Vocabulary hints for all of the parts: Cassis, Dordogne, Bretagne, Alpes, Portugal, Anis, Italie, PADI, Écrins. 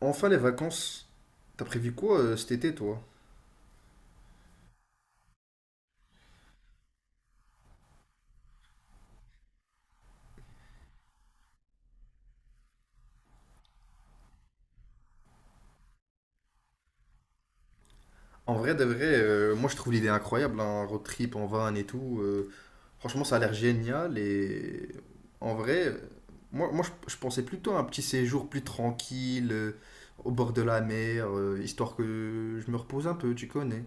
Enfin les vacances. T'as prévu quoi cet été toi? En vrai de vrai, moi je trouve l'idée incroyable, un road trip en van et tout. Franchement ça a l'air génial et en vrai, je pensais plutôt à un petit séjour plus tranquille, au bord de la mer, histoire que je me repose un peu, tu connais.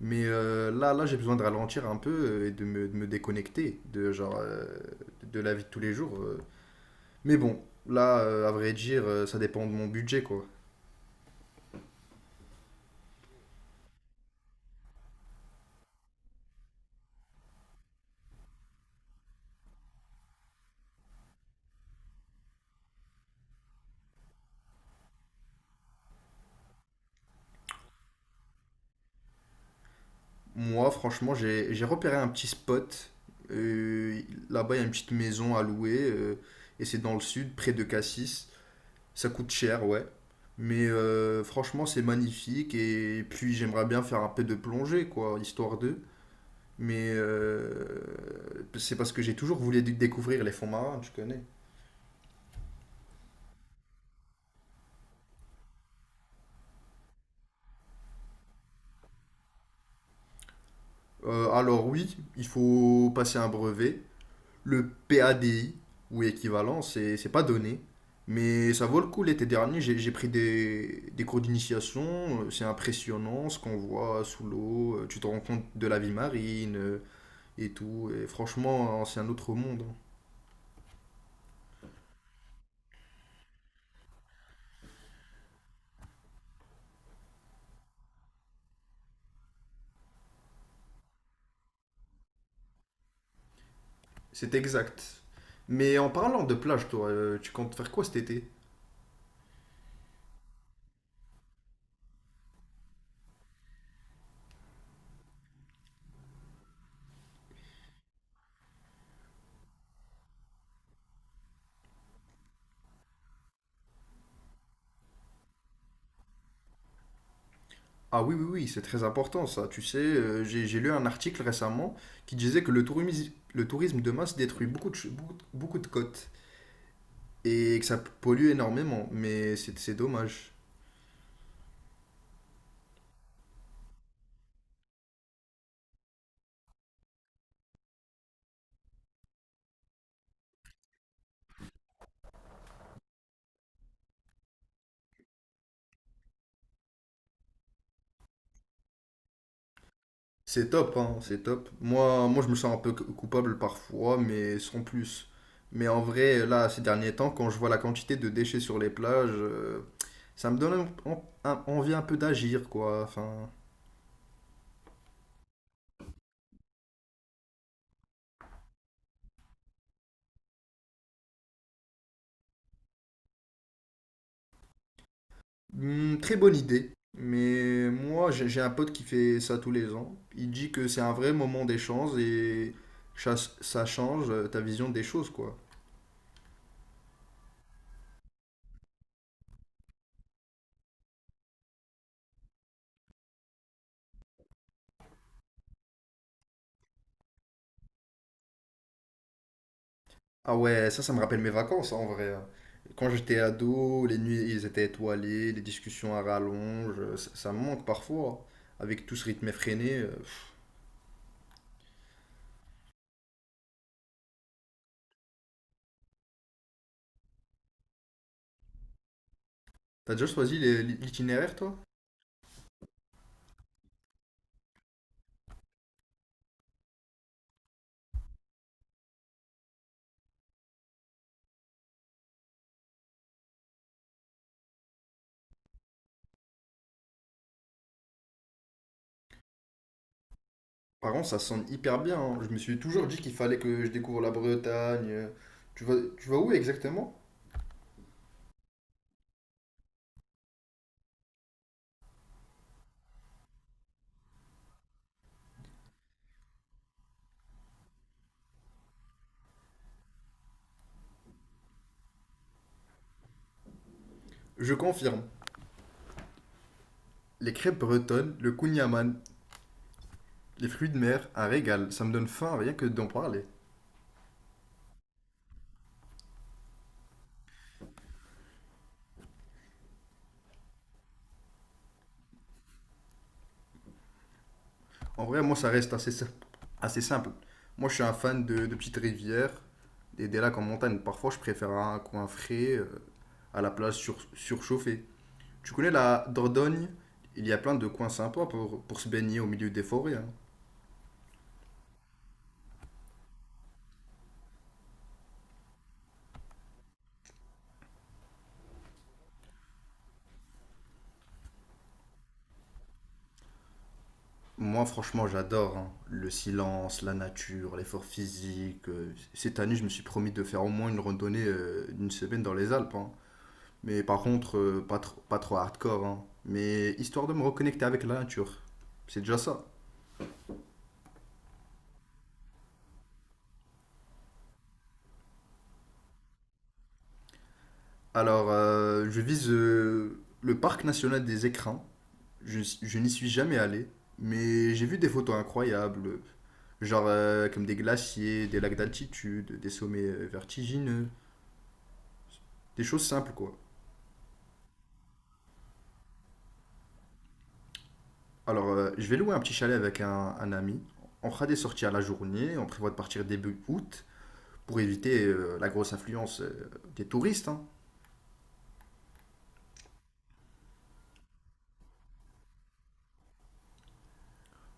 Là j'ai besoin de ralentir un peu et de me déconnecter de, genre, de la vie de tous les jours. Mais bon, à vrai dire, ça dépend de mon budget quoi. Moi, franchement, j'ai repéré un petit spot. Euh, Là-bas, il y a une petite maison à louer, et c'est dans le sud, près de Cassis. Ça coûte cher, ouais. Mais franchement, c'est magnifique. Et puis, j'aimerais bien faire un peu de plongée, quoi, histoire d'eux. Mais c'est parce que j'ai toujours voulu découvrir les fonds marins, tu connais. Alors oui, il faut passer un brevet. Le PADI ou équivalent, c'est pas donné. Mais ça vaut le coup. L'été dernier, j'ai pris des cours d'initiation, c'est impressionnant ce qu'on voit sous l'eau, tu te rends compte de la vie marine et tout, et franchement c'est un autre monde. Hein. C'est exact. Mais en parlant de plage, toi, tu comptes faire quoi cet été? Ah oui, oui, oui, c'est très important ça, tu sais, j'ai lu un article récemment qui disait que le tourisme de masse détruit beaucoup de beaucoup, beaucoup de côtes, et que ça pollue énormément, mais c'est dommage. C'est top, hein, c'est top. Moi, je me sens un peu coupable parfois, mais sans plus. Mais en vrai, là, ces derniers temps, quand je vois la quantité de déchets sur les plages, ça me donne envie un peu d'agir, quoi. Enfin, hmm, très bonne idée. Mais moi, j'ai un pote qui fait ça tous les ans. Il dit que c'est un vrai moment d'échange et ça change ta vision des choses, quoi. Ah ouais, ça me rappelle mes vacances, hein, en vrai. Hein. Quand j'étais ado, les nuits, ils étaient étoilés, les discussions à rallonge, ça me manque parfois, hein, avec tout ce rythme effréné. Pff. T'as déjà choisi l'itinéraire, toi? Par contre, ça sonne hyper bien, hein. Je me suis toujours dit qu'il fallait que je découvre la Bretagne. Tu vas où exactement? Je confirme. Les crêpes bretonnes, le kouign-amann, les fruits de mer, un régal. Ça me donne faim rien que d'en parler. En vrai, moi, ça reste assez simple. Moi, je suis un fan de petites rivières, des lacs en montagne. Parfois, je préfère un coin frais à la plage surchauffée. Tu connais la Dordogne? Il y a plein de coins sympas pour se baigner au milieu des forêts. Hein. Moi, franchement, j'adore hein. Le silence, la nature, l'effort physique. Cette année, je me suis promis de faire au moins une randonnée d'une semaine dans les Alpes. Hein. Mais par contre, pas trop hardcore. Hein. Mais histoire de me reconnecter avec la nature. C'est déjà ça. Alors, je vise le parc national des Écrins. Je n'y suis jamais allé, mais j'ai vu des photos incroyables, genre comme des glaciers, des lacs d'altitude, des sommets vertigineux, des choses simples quoi. Alors, je vais louer un petit chalet avec un ami. On fera des sorties à la journée, on prévoit de partir début août pour éviter la grosse affluence des touristes. Hein.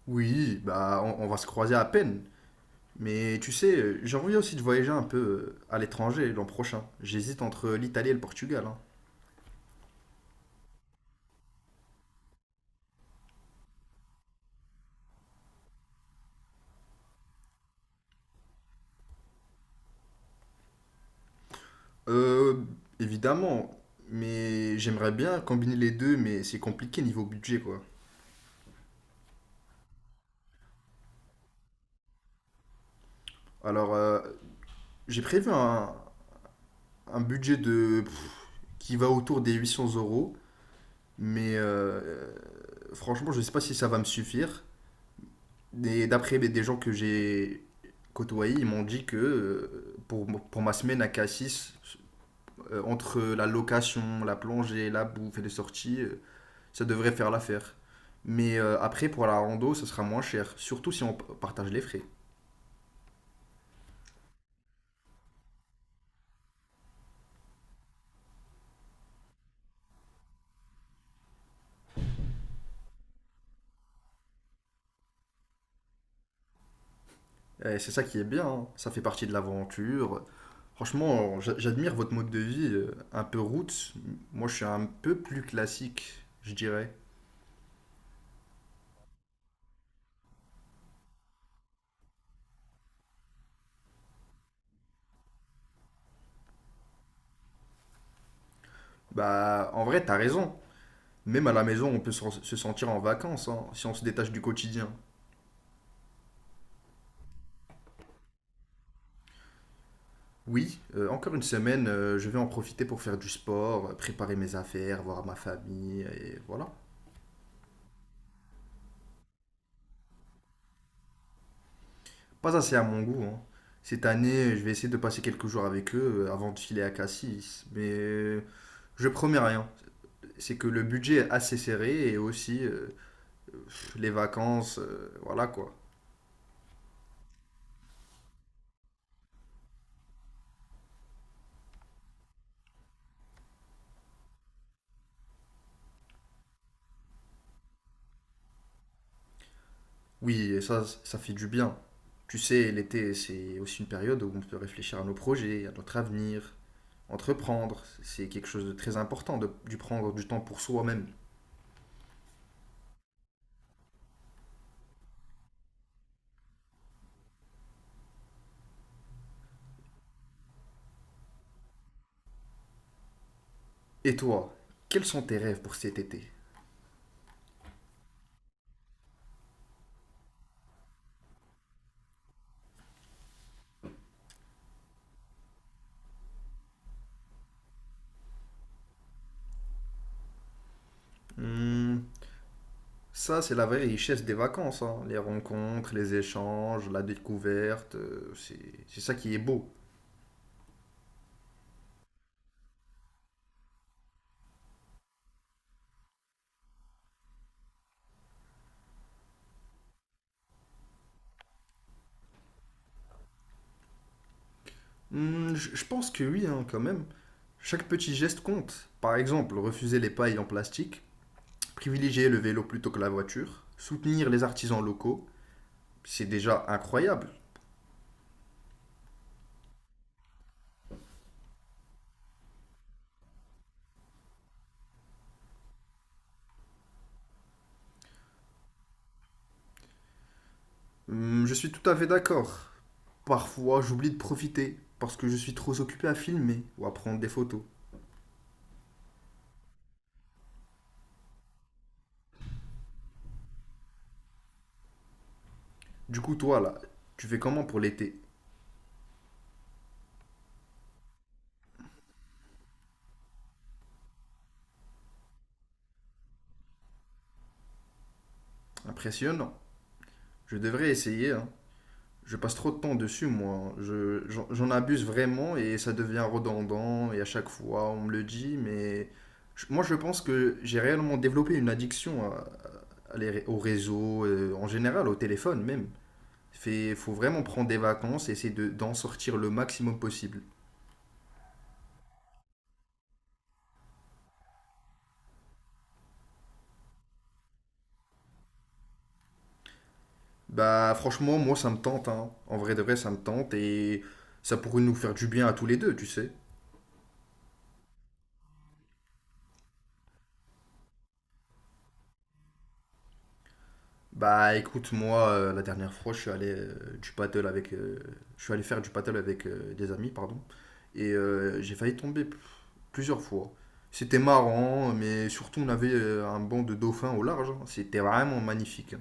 Oui, bah on va se croiser à peine. Mais tu sais, j'ai envie aussi de voyager un peu à l'étranger l'an prochain. J'hésite entre l'Italie et le Portugal. Hein. Euh, évidemment, mais j'aimerais bien combiner les deux, mais c'est compliqué niveau budget, quoi. Alors, j'ai prévu un budget de qui va autour des 800 euros, mais franchement, je sais pas si ça va me suffire. Et d'après mais, des gens que j'ai côtoyés, ils m'ont dit que pour ma semaine à Cassis, entre la location, la plongée, la bouffe et les sorties, ça devrait faire l'affaire. Mais après, pour la rando, ça sera moins cher, surtout si on partage les frais. Et c'est ça qui est bien, hein. Ça fait partie de l'aventure. Franchement, j'admire votre mode de vie, un peu route. Moi, je suis un peu plus classique, je dirais. Bah, en vrai, t'as raison. Même à la maison, on peut se sentir en vacances, hein, si on se détache du quotidien. Oui, encore une semaine, je vais en profiter pour faire du sport, préparer mes affaires, voir ma famille, et voilà. Pas assez à mon goût, hein. Cette année, je vais essayer de passer quelques jours avec eux avant de filer à Cassis, mais je promets rien. C'est que le budget est assez serré et aussi les vacances, voilà quoi. Oui, et ça fait du bien. Tu sais, l'été, c'est aussi une période où on peut réfléchir à nos projets, à notre avenir, entreprendre. C'est quelque chose de très important de, du prendre du temps pour soi-même. Et toi, quels sont tes rêves pour cet été? Hmm. Ça, c'est la vraie richesse des vacances, hein. Les rencontres, les échanges, la découverte, c'est ça qui est beau. Hmm, je pense que oui, hein, quand même. Chaque petit geste compte. Par exemple, refuser les pailles en plastique, privilégier le vélo plutôt que la voiture, soutenir les artisans locaux, c'est déjà incroyable. Hmm, je suis tout à fait d'accord. Parfois, j'oublie de profiter parce que je suis trop occupé à filmer ou à prendre des photos. Du coup, toi, là, tu fais comment pour l'été? Impressionnant. Je devrais essayer, hein. Je passe trop de temps dessus, moi. Hein. J'en abuse vraiment et ça devient redondant. Et à chaque fois, on me le dit, mais moi, je pense que j'ai réellement développé une addiction à au réseau, en général, au téléphone même. Fait, faut vraiment prendre des vacances et essayer d'en sortir le maximum possible. Bah, franchement, moi, ça me tente, hein. En vrai de vrai, ça me tente et ça pourrait nous faire du bien à tous les deux, tu sais. Bah écoute, moi, la dernière fois, je suis allé faire du paddle avec des amis, pardon, et j'ai failli tomber plusieurs fois. C'était marrant, mais surtout on avait un banc de dauphins au large. Hein. C'était vraiment magnifique. Hein.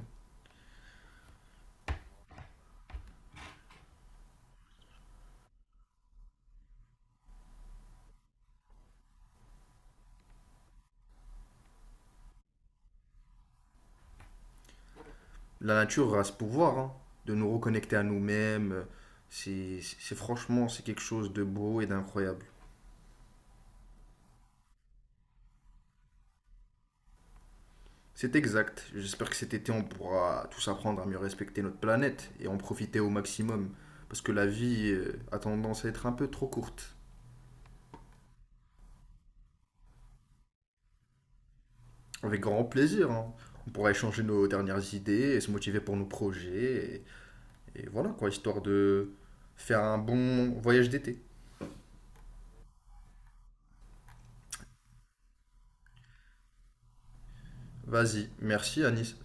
La nature a ce pouvoir hein, de nous reconnecter à nous-mêmes. C'est Franchement, c'est quelque chose de beau et d'incroyable. C'est exact. J'espère que cet été, on pourra tous apprendre à mieux respecter notre planète et en profiter au maximum. Parce que la vie a tendance à être un peu trop courte. Avec grand plaisir. Hein. On pourra échanger nos dernières idées et se motiver pour nos projets. Et voilà quoi, histoire de faire un bon voyage d'été. Vas-y, merci Anis.